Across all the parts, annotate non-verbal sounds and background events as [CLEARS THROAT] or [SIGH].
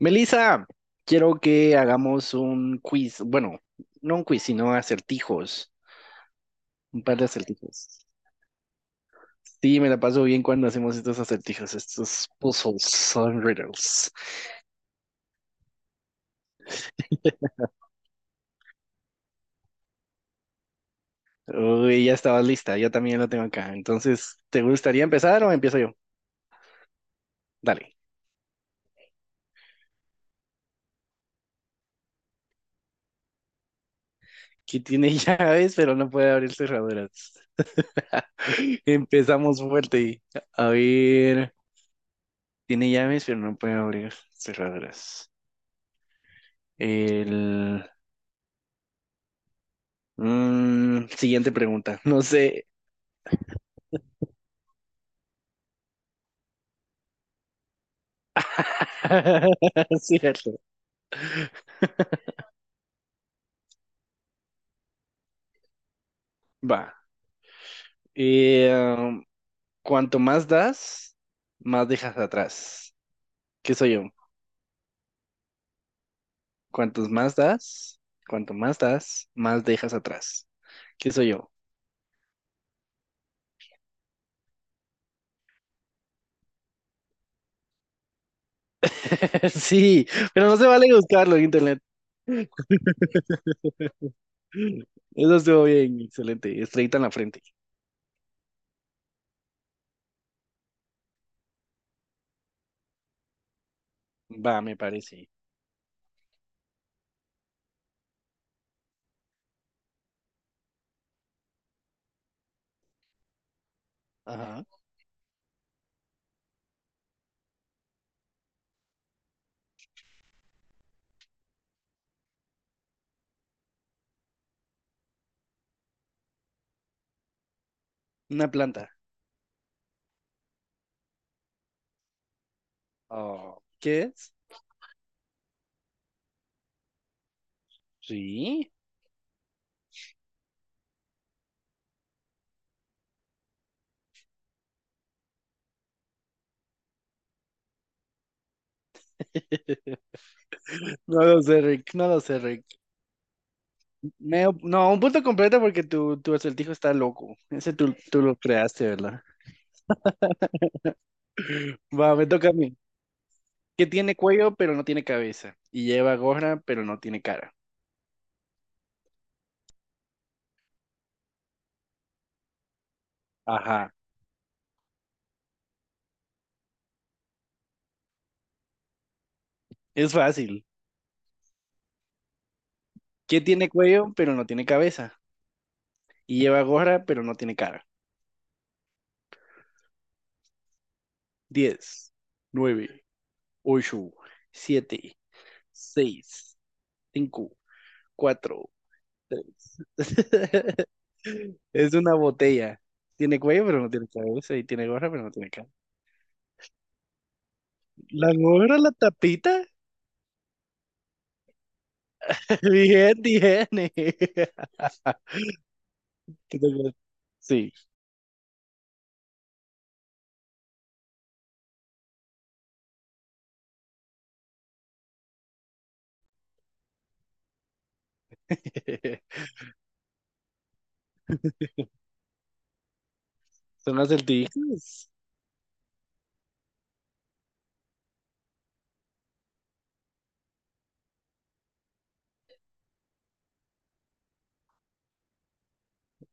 Melissa, quiero que hagamos un quiz, bueno, no un quiz, sino acertijos, un par de acertijos. Sí, me la paso bien cuando hacemos estos acertijos, estos puzzles, son riddles. Uy, ya estabas lista, yo también lo tengo acá. Entonces, ¿te gustaría empezar o empiezo yo? Dale. Que tiene [LAUGHS] llaves, pero no puede abrir cerraduras. [LAUGHS] Empezamos fuerte. A ver, tiene llaves, pero no puede abrir cerraduras. El siguiente pregunta. No sé. [LAUGHS] Cierto. Va. Eh, um, cuanto más das, más dejas atrás. ¿Qué soy yo? Cuantos más das, cuanto más das, más dejas atrás. ¿Qué soy yo? [LAUGHS] Sí, pero no se vale buscarlo en internet. Eso estuvo bien, excelente. Estrellita en la frente. Va, me parece. Ajá. Una planta. Oh, ¿qué es? Sí. No lo sé, Rick. No lo sé, Rick. No, un punto completo porque tu acertijo está loco. Ese tú lo creaste, ¿verdad? Va, me toca a mí. Que tiene cuello pero no tiene cabeza. Y lleva gorra pero no tiene cara. Ajá. Es fácil. Que tiene cuello pero no tiene cabeza. Y lleva gorra pero no tiene cara. Diez, nueve, ocho, siete, seis, cinco, cuatro. [LAUGHS] Es una botella. Tiene cuello pero no tiene cabeza. Y tiene gorra pero no tiene cara. ¿La gorra, la tapita? Bien, bien. [LAUGHS] Qué tengo- Sí. [LAUGHS] Son acertijos.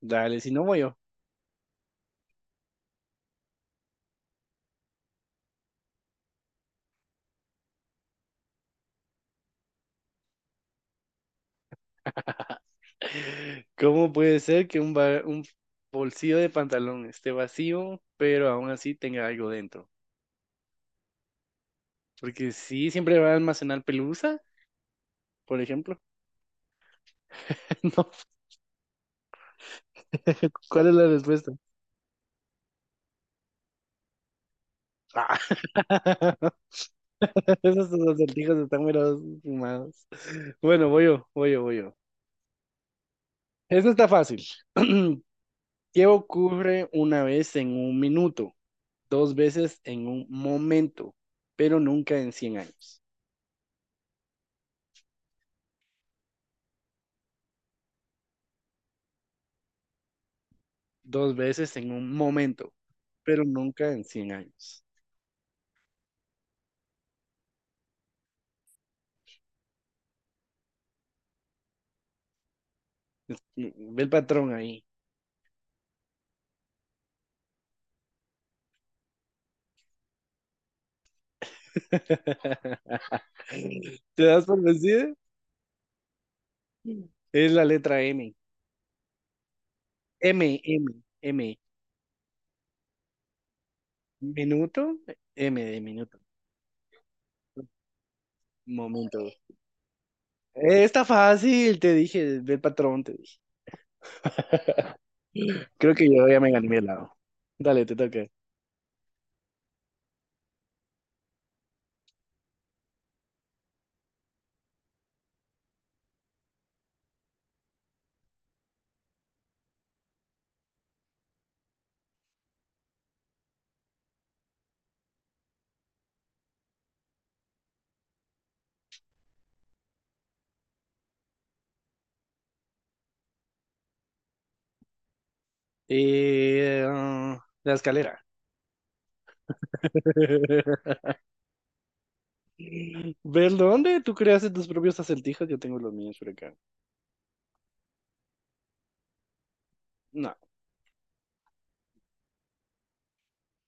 Dale, si no voy yo. ¿Cómo puede ser que un bolsillo de pantalón esté vacío, pero aún así tenga algo dentro? Porque sí, siempre va a almacenar pelusa, por ejemplo. [LAUGHS] No. [LAUGHS] ¿Cuál es la respuesta? Ah. [LAUGHS] Esos acertijos están meros fumados. Bueno, voy yo, voy yo, voy yo. Eso está fácil. [CLEARS THROAT] ¿Qué ocurre una vez en un minuto? Dos veces en un momento, pero nunca en 100 años. Dos veces en un momento, pero nunca en 100 años. Ve el patrón ahí. [LAUGHS] ¿Te das por vencido? Es la letra M. M, M, M. Minuto, M de minuto. Momento. Está fácil, te dije, ve el patrón, te dije. [LAUGHS] Creo que yo ya me gané mi helado. Dale, te toca. La escalera. [LAUGHS] ¿Ves dónde? Tú creas tus propios acertijos, yo tengo los míos por acá. No,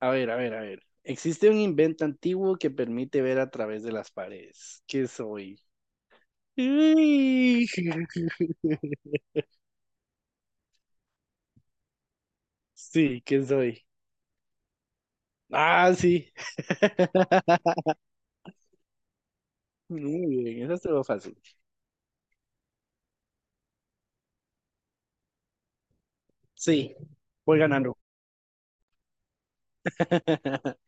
a ver, a ver, a ver. Existe un invento antiguo que permite ver a través de las paredes. ¿Qué soy? Uy. [LAUGHS] Sí, ¿qué soy? Ah, sí. [LAUGHS] Muy bien, eso estuvo fácil. Sí, voy ganando. [LAUGHS]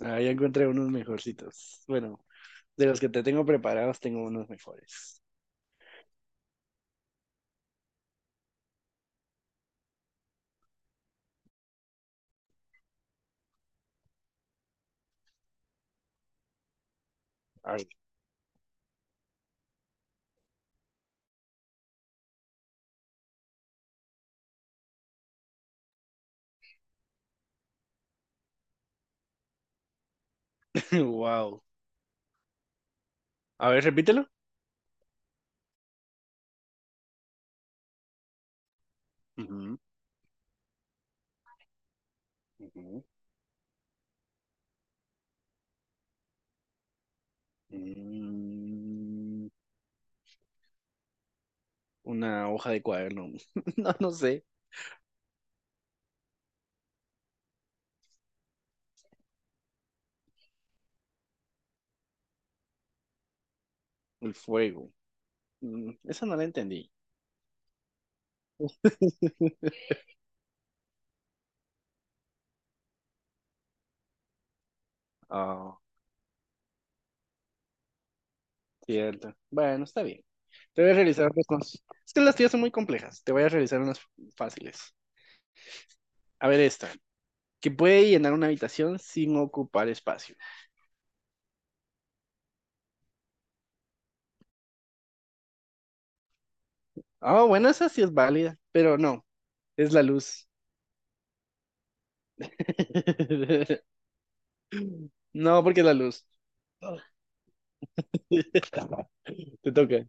Ahí encontré unos mejorcitos. Bueno, de los que te tengo preparados, tengo unos mejores. A Wow. A ver, repítelo. Ujú. Ujú. mm, una hoja de cuaderno. [LAUGHS] No, no sé. El fuego. Esa no la entendí. [LAUGHS] Ah, cierto. Bueno, está bien. Te voy a realizar es que las tías son muy complejas. Te voy a realizar unas fáciles. A ver esta. Que puede llenar una habitación sin ocupar espacio. Ah, bueno, esa sí es válida, pero no, es la luz. [LAUGHS] No, porque es la luz. [LAUGHS] Te toca.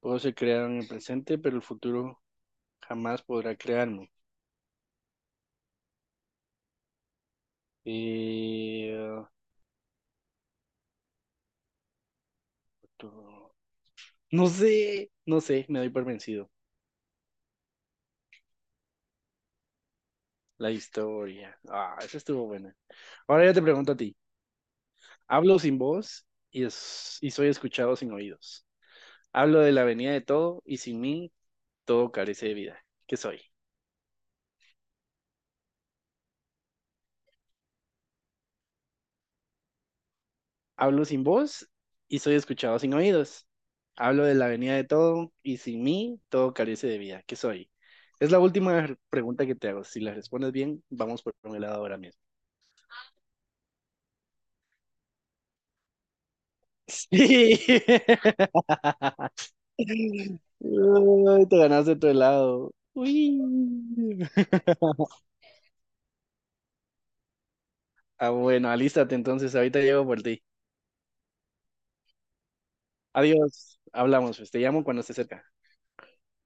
Puedo ser creado en el presente, pero el futuro jamás podrá crearme. Eh, tu- No sé, no sé, me doy por vencido. La historia. Ah, esa estuvo buena. Ahora yo te pregunto a ti. Hablo sin voz y soy escuchado sin oídos. Hablo de la venida de todo y sin mí todo carece de vida. ¿Qué soy? Hablo sin voz y soy escuchado sin oídos. Hablo de la venida de todo y sin mí todo carece de vida. ¿Qué soy? Es la última pregunta que te hago. Si la respondes bien, vamos por un helado ahora mismo. [LAUGHS] Sí. [LAUGHS] Ay, te ganaste tu helado. Uy. Ah, bueno, alístate entonces. Ahorita llego por ti. Adiós. Hablamos, pues. Te llamo cuando esté cerca.